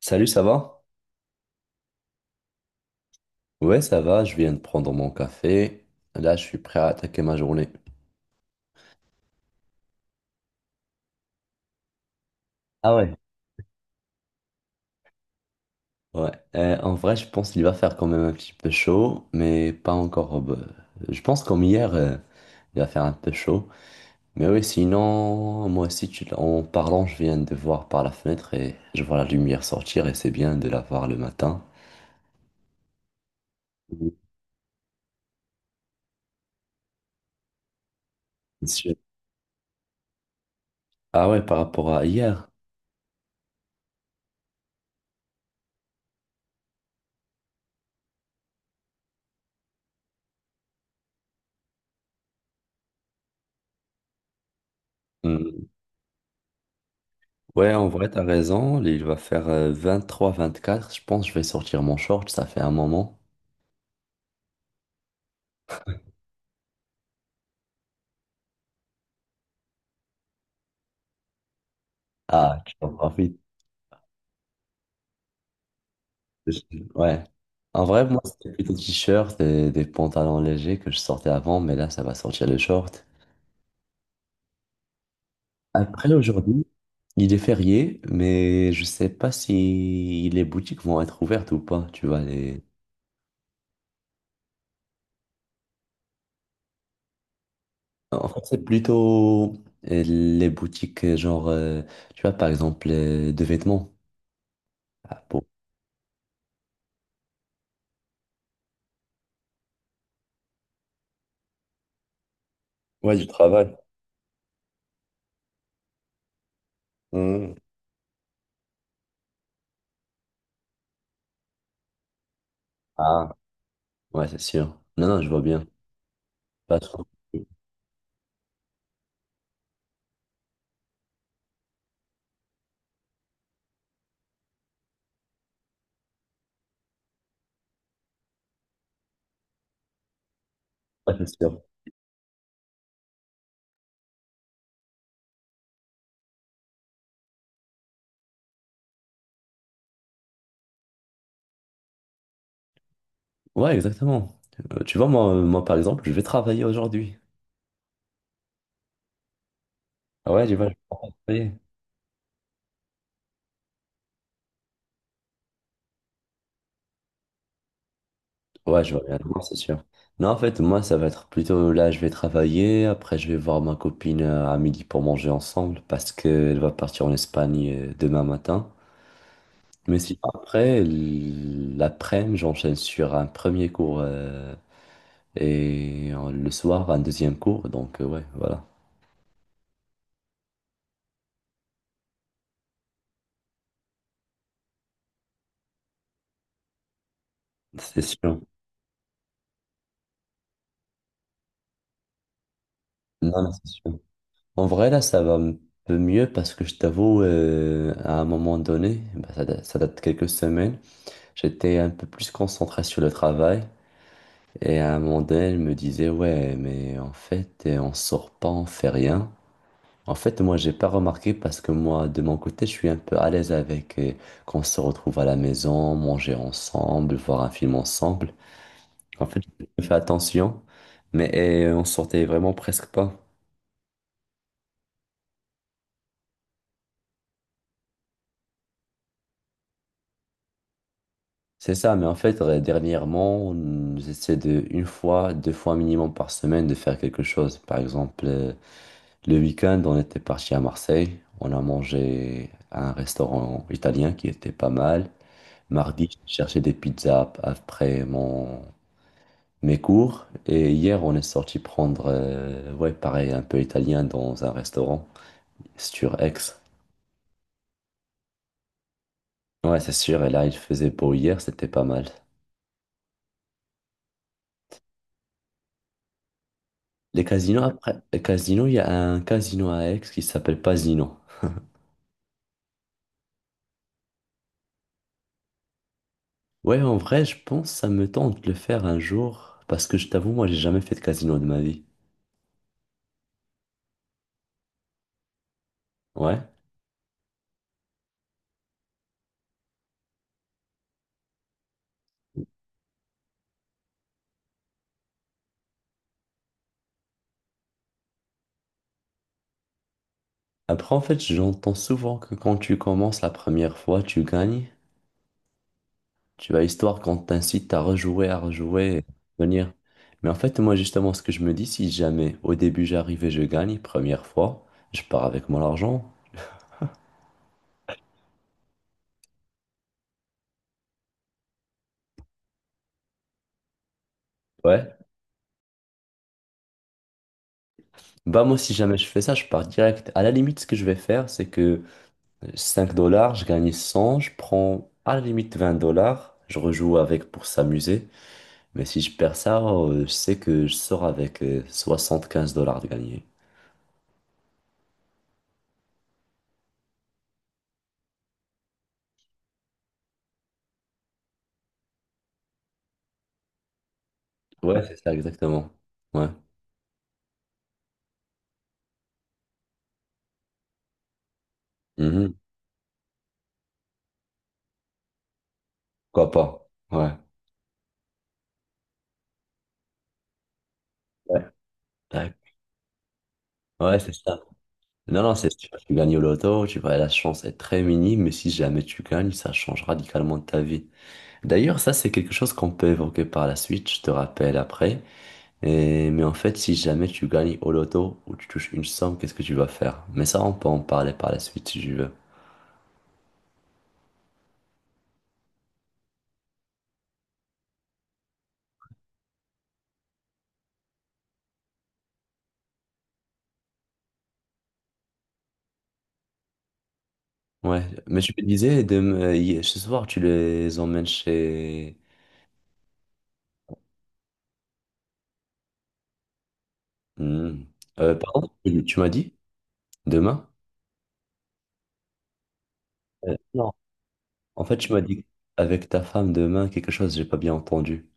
Salut, ça va? Ouais, ça va, je viens de prendre mon café. Là, je suis prêt à attaquer ma journée. Ah ouais. Ouais, en vrai, je pense qu'il va faire quand même un petit peu chaud, mais pas encore. Bah, je pense comme hier, il va faire un peu chaud. Mais oui, sinon, moi aussi, en parlant, je viens de voir par la fenêtre et je vois la lumière sortir et c'est bien de la voir le matin. Mhm. Ah ouais, par rapport à hier. Hmm. Ouais, en vrai, t'as raison. Il va faire 23-24. Je pense que je vais sortir mon short. Ça fait un moment. Ah, tu en profites. Ouais. En vrai, moi, c'était plutôt t-shirt et des pantalons légers que je sortais avant, mais là, ça va sortir le short. Après, aujourd'hui, il est férié, mais je sais pas si les boutiques vont être ouvertes ou pas. Tu vois, les... En fait, c'est plutôt les boutiques, genre, tu vois, par exemple, de vêtements. Ah, pour... Ouais, du travail. Hmm. Ah, ouais, c'est sûr. Non, non, je vois bien. Pas trop. Ouais, c'est sûr. Ouais, exactement. Tu vois, moi, moi, par exemple, je vais travailler aujourd'hui. Ah ouais, je vois, je vais travailler. Ouais, je vois bien, non, c'est sûr. Non, en fait, moi, ça va être plutôt là, je vais travailler. Après, je vais voir ma copine à midi pour manger ensemble parce qu'elle va partir en Espagne demain matin. Mais si après, l'après-midi, j'enchaîne sur un premier cours et le soir, un deuxième cours. Donc, ouais, voilà. C'est sûr. Non, mais c'est sûr. En vrai, là, ça va un peu mieux parce que je t'avoue, à un moment donné, bah, ça, ça date de quelques semaines, j'étais un peu plus concentré sur le travail. Et à un moment donné, elle me disait, ouais, mais en fait, on sort pas, on fait rien. En fait, moi, j'ai pas remarqué parce que moi, de mon côté, je suis un peu à l'aise avec qu'on se retrouve à la maison, manger ensemble, voir un film ensemble. En fait, je fais attention, mais on sortait vraiment presque pas. C'est ça, mais en fait, dernièrement, j'essaie de une fois, deux fois minimum par semaine de faire quelque chose. Par exemple, le week-end, on était parti à Marseille, on a mangé à un restaurant italien qui était pas mal. Mardi, j'ai cherché des pizzas après mon mes cours, et hier, on est sorti prendre, ouais, pareil, un peu italien dans un restaurant sur Aix. Ouais, c'est sûr, et là, il faisait beau hier, c'était pas mal. Les casinos, après, les casinos, il y a un casino à Aix qui s'appelle Pasino. Ouais, en vrai, je pense que ça me tente de le faire un jour, parce que je t'avoue, moi, j'ai jamais fait de casino de ma vie. Ouais. Après, en fait, j'entends souvent que quand tu commences la première fois, tu gagnes. Tu vas histoire qu'on t'incite à rejouer, à rejouer, à venir. Mais en fait, moi, justement, ce que je me dis, si jamais au début j'arrive et je gagne, première fois, je pars avec mon argent. Ouais. Bah, moi, si jamais je fais ça, je pars direct. À la limite, ce que je vais faire, c'est que 5 dollars, je gagne 100 je prends à la limite 20 dollars, je rejoue avec pour s'amuser. Mais si je perds ça, je sais que je sors avec 15 dollars de gagné. Ouais, c'est ça, exactement. Ouais. Mhm. Pourquoi pas? Ouais. Ouais, ouais, ouais, c'est ça. Non, non, c'est sûr. Tu gagnes au loto, tu vois, la chance est très minime, mais si jamais tu gagnes, ça change radicalement ta vie. D'ailleurs, ça, c'est quelque chose qu'on peut évoquer par la suite, je te rappelle après. Mais en fait, si jamais tu gagnes au loto ou tu touches une somme, qu'est-ce que tu vas faire? Mais ça, on peut en parler par la suite si tu veux. Ouais, mais tu me disais, ce soir, tu les emmènes chez... Hmm. Pardon, tu m'as dit demain? Non. En fait, tu m'as dit avec ta femme demain quelque chose, j'ai pas bien entendu.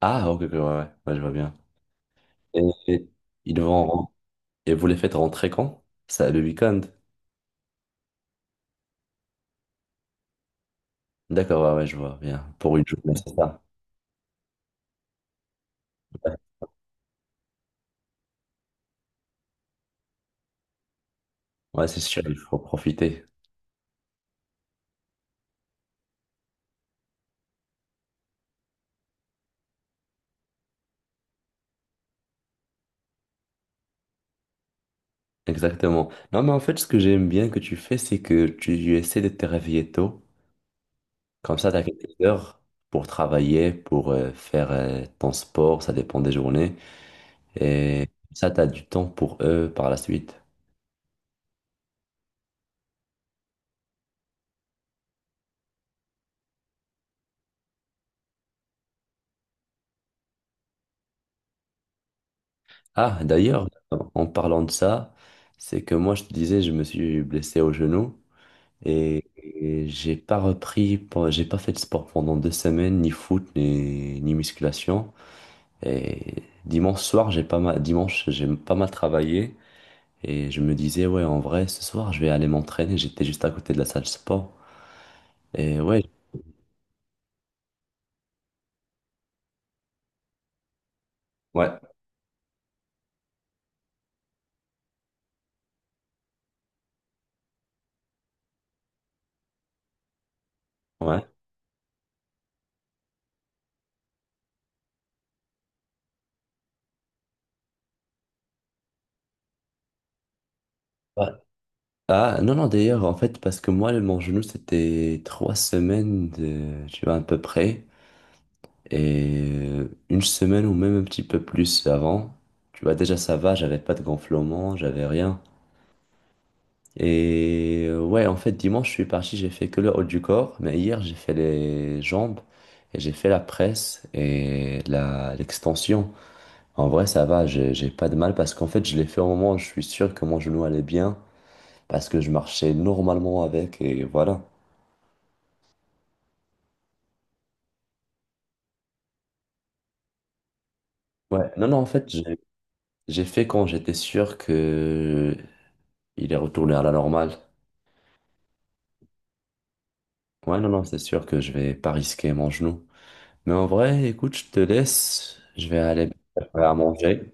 Ah, ok, ok, ouais, ouais, ouais, je vois bien. Et, et ils vont ren- et vous les faites rentrer quand? Ça, le week-end? D'accord, ouais, ouais, je vois bien. Pour une journée, c'est ça. Ouais, ouais, c'est sûr, il faut profiter. Exactement. Non, mais en fait, ce que j'aime bien que tu fais, c'est que tu essaies de te réveiller tôt. Comme ça, tu as quelques heures pour travailler, pour faire ton sport, ça dépend des journées. Et ça, tu as du temps pour eux par la suite. Ah, d'ailleurs, en parlant de ça, c'est que moi, je te disais, je me suis blessé au genou et j'ai pas repris, j'ai pas fait de sport pendant 2 semaines, ni foot, ni musculation. Et dimanche soir, j'ai pas mal, dimanche, j'ai pas mal travaillé. Et je me disais, ouais, en vrai, ce soir, je vais aller m'entraîner. J'étais juste à côté de la salle de sport. Et ouais, ouais, ouais. Ouais. Ah, non, non, d'ailleurs, en fait, parce que moi, mon genou, c'était 3 semaines de, tu vois, à peu près. Et une semaine ou même un petit peu plus avant. Tu vois, déjà, ça va, j'avais pas de gonflement, j'avais rien. Et ouais, en fait, dimanche, je suis parti, j'ai fait que le haut du corps, mais hier, j'ai fait les jambes et j'ai fait la presse et l'extension. En vrai, ça va, j'ai pas de mal parce qu'en fait, je l'ai fait au moment où je suis sûr que mon genou allait bien parce que je marchais normalement avec et voilà. Ouais, non, non, en fait, j'ai fait quand j'étais sûr que il est retourné à la normale. Ouais, non, non, c'est sûr que je vais pas risquer mon genou. Mais en vrai, écoute, je te laisse, je vais aller me faire à manger.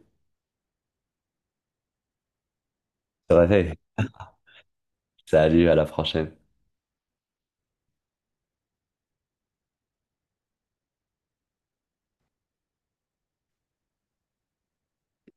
Je te réveille. Salut, à la prochaine.